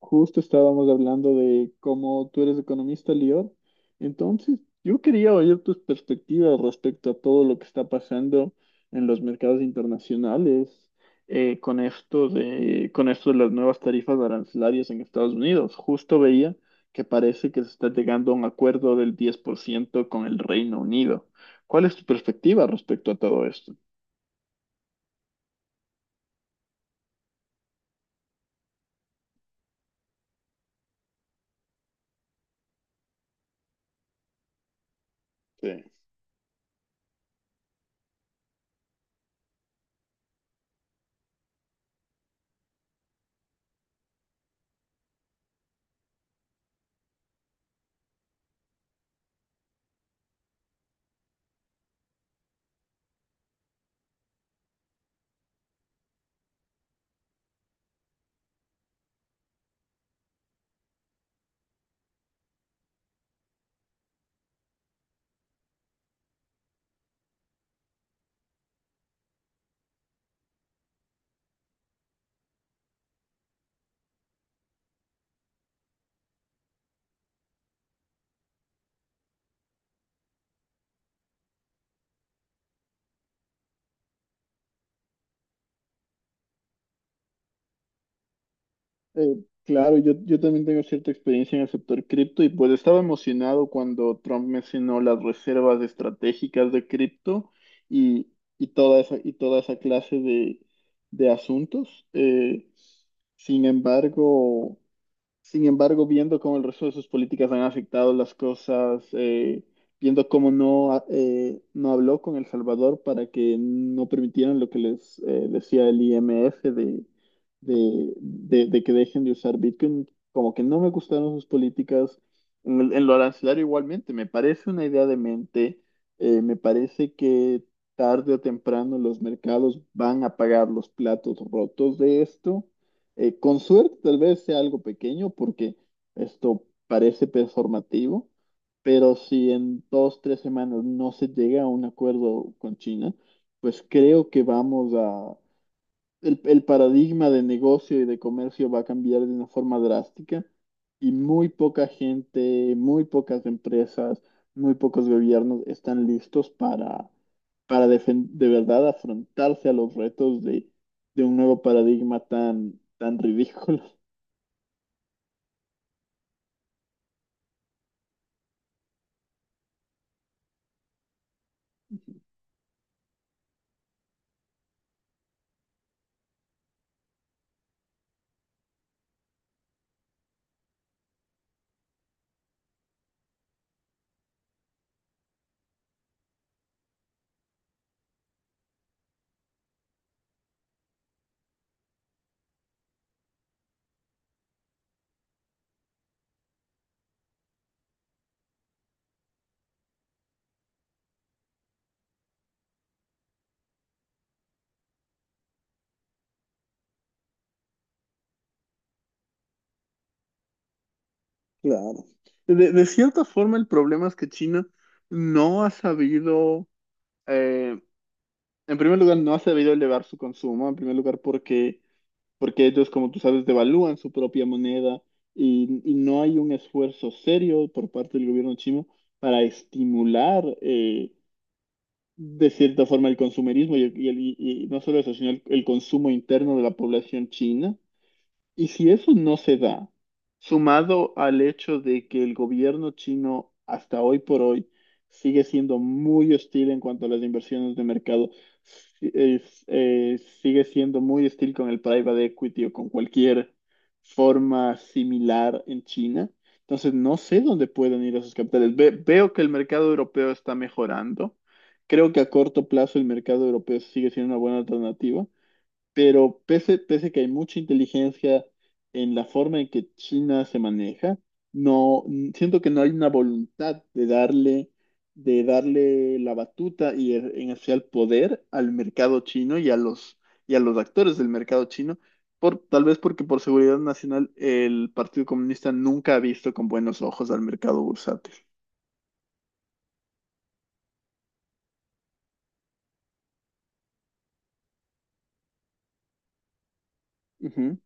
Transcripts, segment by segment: Justo estábamos hablando de cómo tú eres economista, Lior. Entonces, yo quería oír tus perspectivas respecto a todo lo que está pasando en los mercados internacionales con esto de las nuevas tarifas arancelarias en Estados Unidos. Justo veía que parece que se está llegando a un acuerdo del 10% con el Reino Unido. ¿Cuál es tu perspectiva respecto a todo esto? Sí. Eh, claro, yo también tengo cierta experiencia en el sector cripto y pues estaba emocionado cuando Trump mencionó las reservas estratégicas de cripto y, y toda esa clase de asuntos. Sin embargo... Sin embargo, viendo cómo el resto de sus políticas han afectado las cosas, viendo cómo no, no habló con El Salvador para que no permitieran lo que les decía el IMF de, de que dejen de usar Bitcoin, como que no me gustaron sus políticas. En lo arancelario igualmente, me parece una idea de mente, me parece que tarde o temprano los mercados van a pagar los platos rotos de esto. Con suerte tal vez sea algo pequeño porque esto parece performativo, pero si en dos, tres semanas no se llega a un acuerdo con China, pues creo que vamos a, el paradigma de negocio y de comercio va a cambiar de una forma drástica y muy poca gente, muy pocas empresas, muy pocos gobiernos están listos para de verdad afrontarse a los retos de un nuevo paradigma tan, tan ridículo. Claro. De cierta forma, el problema es que China no ha sabido, eh, en primer lugar, no ha sabido elevar su consumo, en primer lugar, porque ellos, como tú sabes, devalúan su propia moneda y no hay un esfuerzo serio por parte del gobierno chino para estimular de cierta forma el consumerismo y no solo eso, sino el consumo interno de la población china. Y si eso no se da, sumado al hecho de que el gobierno chino hasta hoy por hoy sigue siendo muy hostil en cuanto a las inversiones de mercado, sigue siendo muy hostil con el private equity o con cualquier forma similar en China, entonces no sé dónde pueden ir esos capitales. Veo que el mercado europeo está mejorando. Creo que a corto plazo el mercado europeo sigue siendo una buena alternativa. Pero pese, pese que hay mucha inteligencia en la forma en que China se maneja, siento que no hay una voluntad de darle la batuta y e- en hacia el poder al mercado chino y a los actores del mercado chino, tal vez porque por seguridad nacional el Partido Comunista nunca ha visto con buenos ojos al mercado bursátil. Ujú,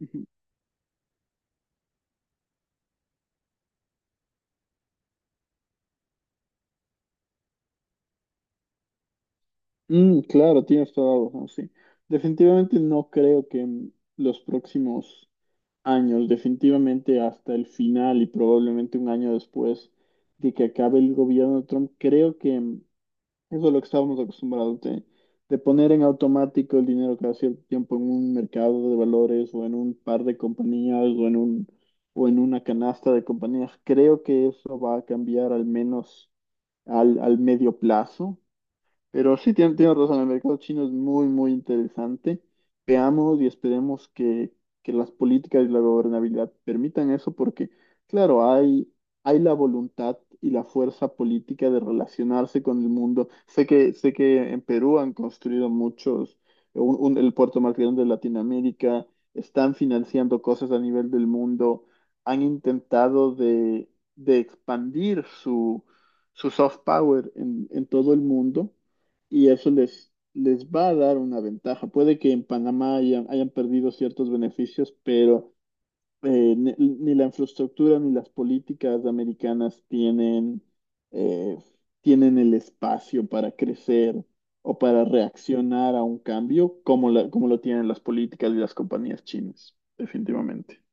ujú. Mm, claro, tienes toda la razón, sí. Definitivamente no creo que en los próximos años, definitivamente hasta el final y probablemente un año después de que acabe el gobierno de Trump, creo que mm, eso es lo que estábamos acostumbrados de poner en automático el dinero cada cierto tiempo en un mercado de valores o en un par de compañías o en un, o en una canasta de compañías. Creo que eso va a cambiar al menos al, al medio plazo. Pero sí, tiene razón, el mercado chino es muy, muy interesante. Veamos y esperemos que las políticas y la gobernabilidad permitan eso, porque, claro, hay la voluntad y la fuerza política de relacionarse con el mundo. Sé que en Perú han construido muchos, el puerto más grande de Latinoamérica, están financiando cosas a nivel del mundo, han intentado de expandir su, su soft power en todo el mundo y eso les, les va a dar una ventaja. Puede que en Panamá hayan, hayan perdido ciertos beneficios, pero ni, ni la infraestructura ni las políticas americanas tienen, eh, tienen el espacio para crecer o para reaccionar a un cambio como, como lo tienen las políticas y las compañías chinas, definitivamente.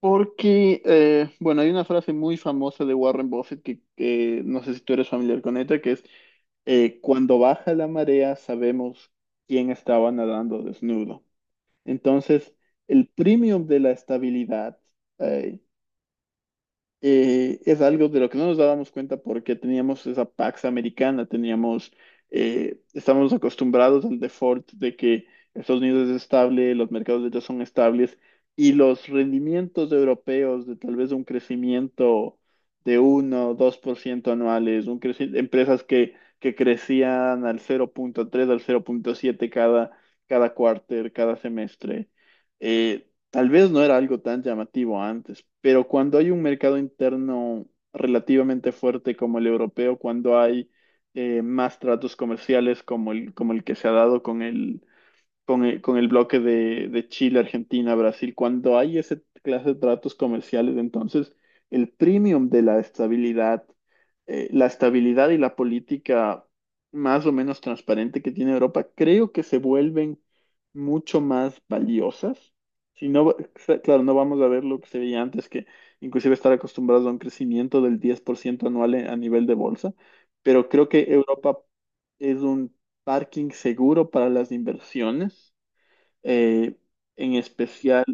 Porque, bueno, hay una frase muy famosa de Warren Buffett que no sé si tú eres familiar con ella, que es, cuando baja la marea sabemos quién estaba nadando desnudo. Entonces, el premium de la estabilidad, eh, es algo de lo que no nos dábamos cuenta porque teníamos esa Pax americana, teníamos, estamos acostumbrados al default de que Estados Unidos es estable, los mercados de ellos son estables y los rendimientos europeos de tal vez un crecimiento de 1 o 2% anuales, empresas que crecían al cero punto tres al cero punto siete cada, cada cuarter, cada semestre. Eh, Tal vez no era algo tan llamativo antes, pero cuando hay un mercado interno relativamente fuerte como el europeo, cuando hay más tratos comerciales como el que se ha dado con el, con el bloque de Chile, Argentina, Brasil, cuando hay esa clase de tratos comerciales, entonces el premium de la estabilidad y la política más o menos transparente que tiene Europa, creo que se vuelven mucho más valiosas. Si no, claro, no vamos a ver lo que se veía antes, que inclusive estar acostumbrados a un crecimiento del 10% anual a nivel de bolsa, pero creo que Europa es un parking seguro para las inversiones, eh, en especial,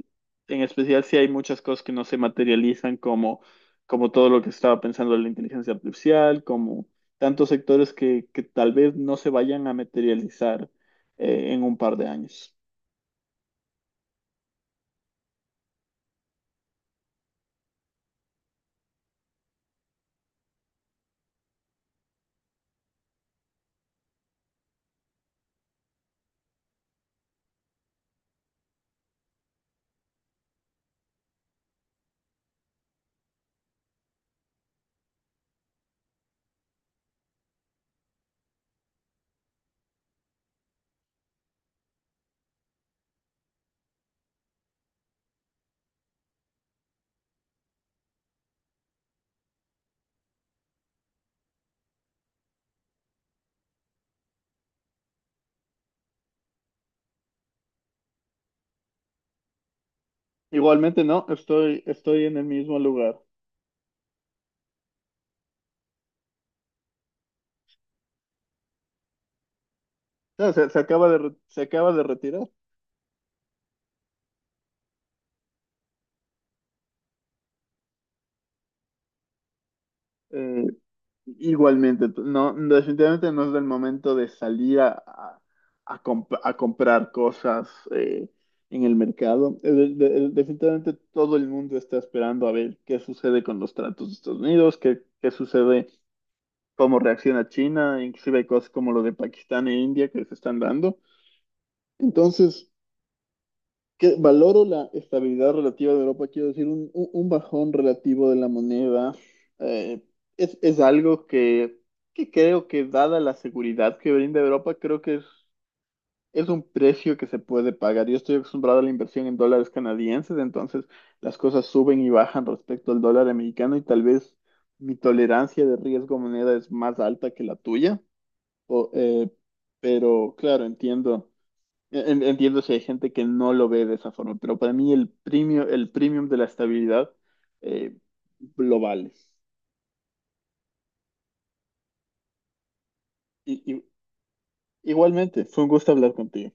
en especial si hay muchas cosas que no se materializan como, como todo lo que estaba pensando la inteligencia artificial, como tantos sectores que tal vez no se vayan a materializar en un par de años. Igualmente, no, estoy, estoy en el mismo lugar. O se acaba de, se acaba de retirar. Eh, Igualmente, no, definitivamente no es el momento de salir a, a a comprar cosas en el mercado. Definitivamente todo el mundo está esperando a ver qué sucede con los tratos de Estados Unidos, qué, qué sucede, cómo reacciona China, inclusive hay cosas como lo de Pakistán e India que se están dando. Entonces, que valoro la estabilidad relativa de Europa, quiero decir, un, un bajón relativo de la moneda eh, es algo que creo que dada la seguridad que brinda Europa, creo que es un precio que se puede pagar. Yo estoy acostumbrado a la inversión en dólares canadienses, entonces las cosas suben y bajan respecto al dólar americano y tal vez mi tolerancia de riesgo moneda es más alta que la tuya, o, pero claro, entiendo entiendo si hay gente que no lo ve de esa forma, pero para mí el premio, el premium de la estabilidad eh, lo vale. Y, igualmente, fue un gusto hablar contigo.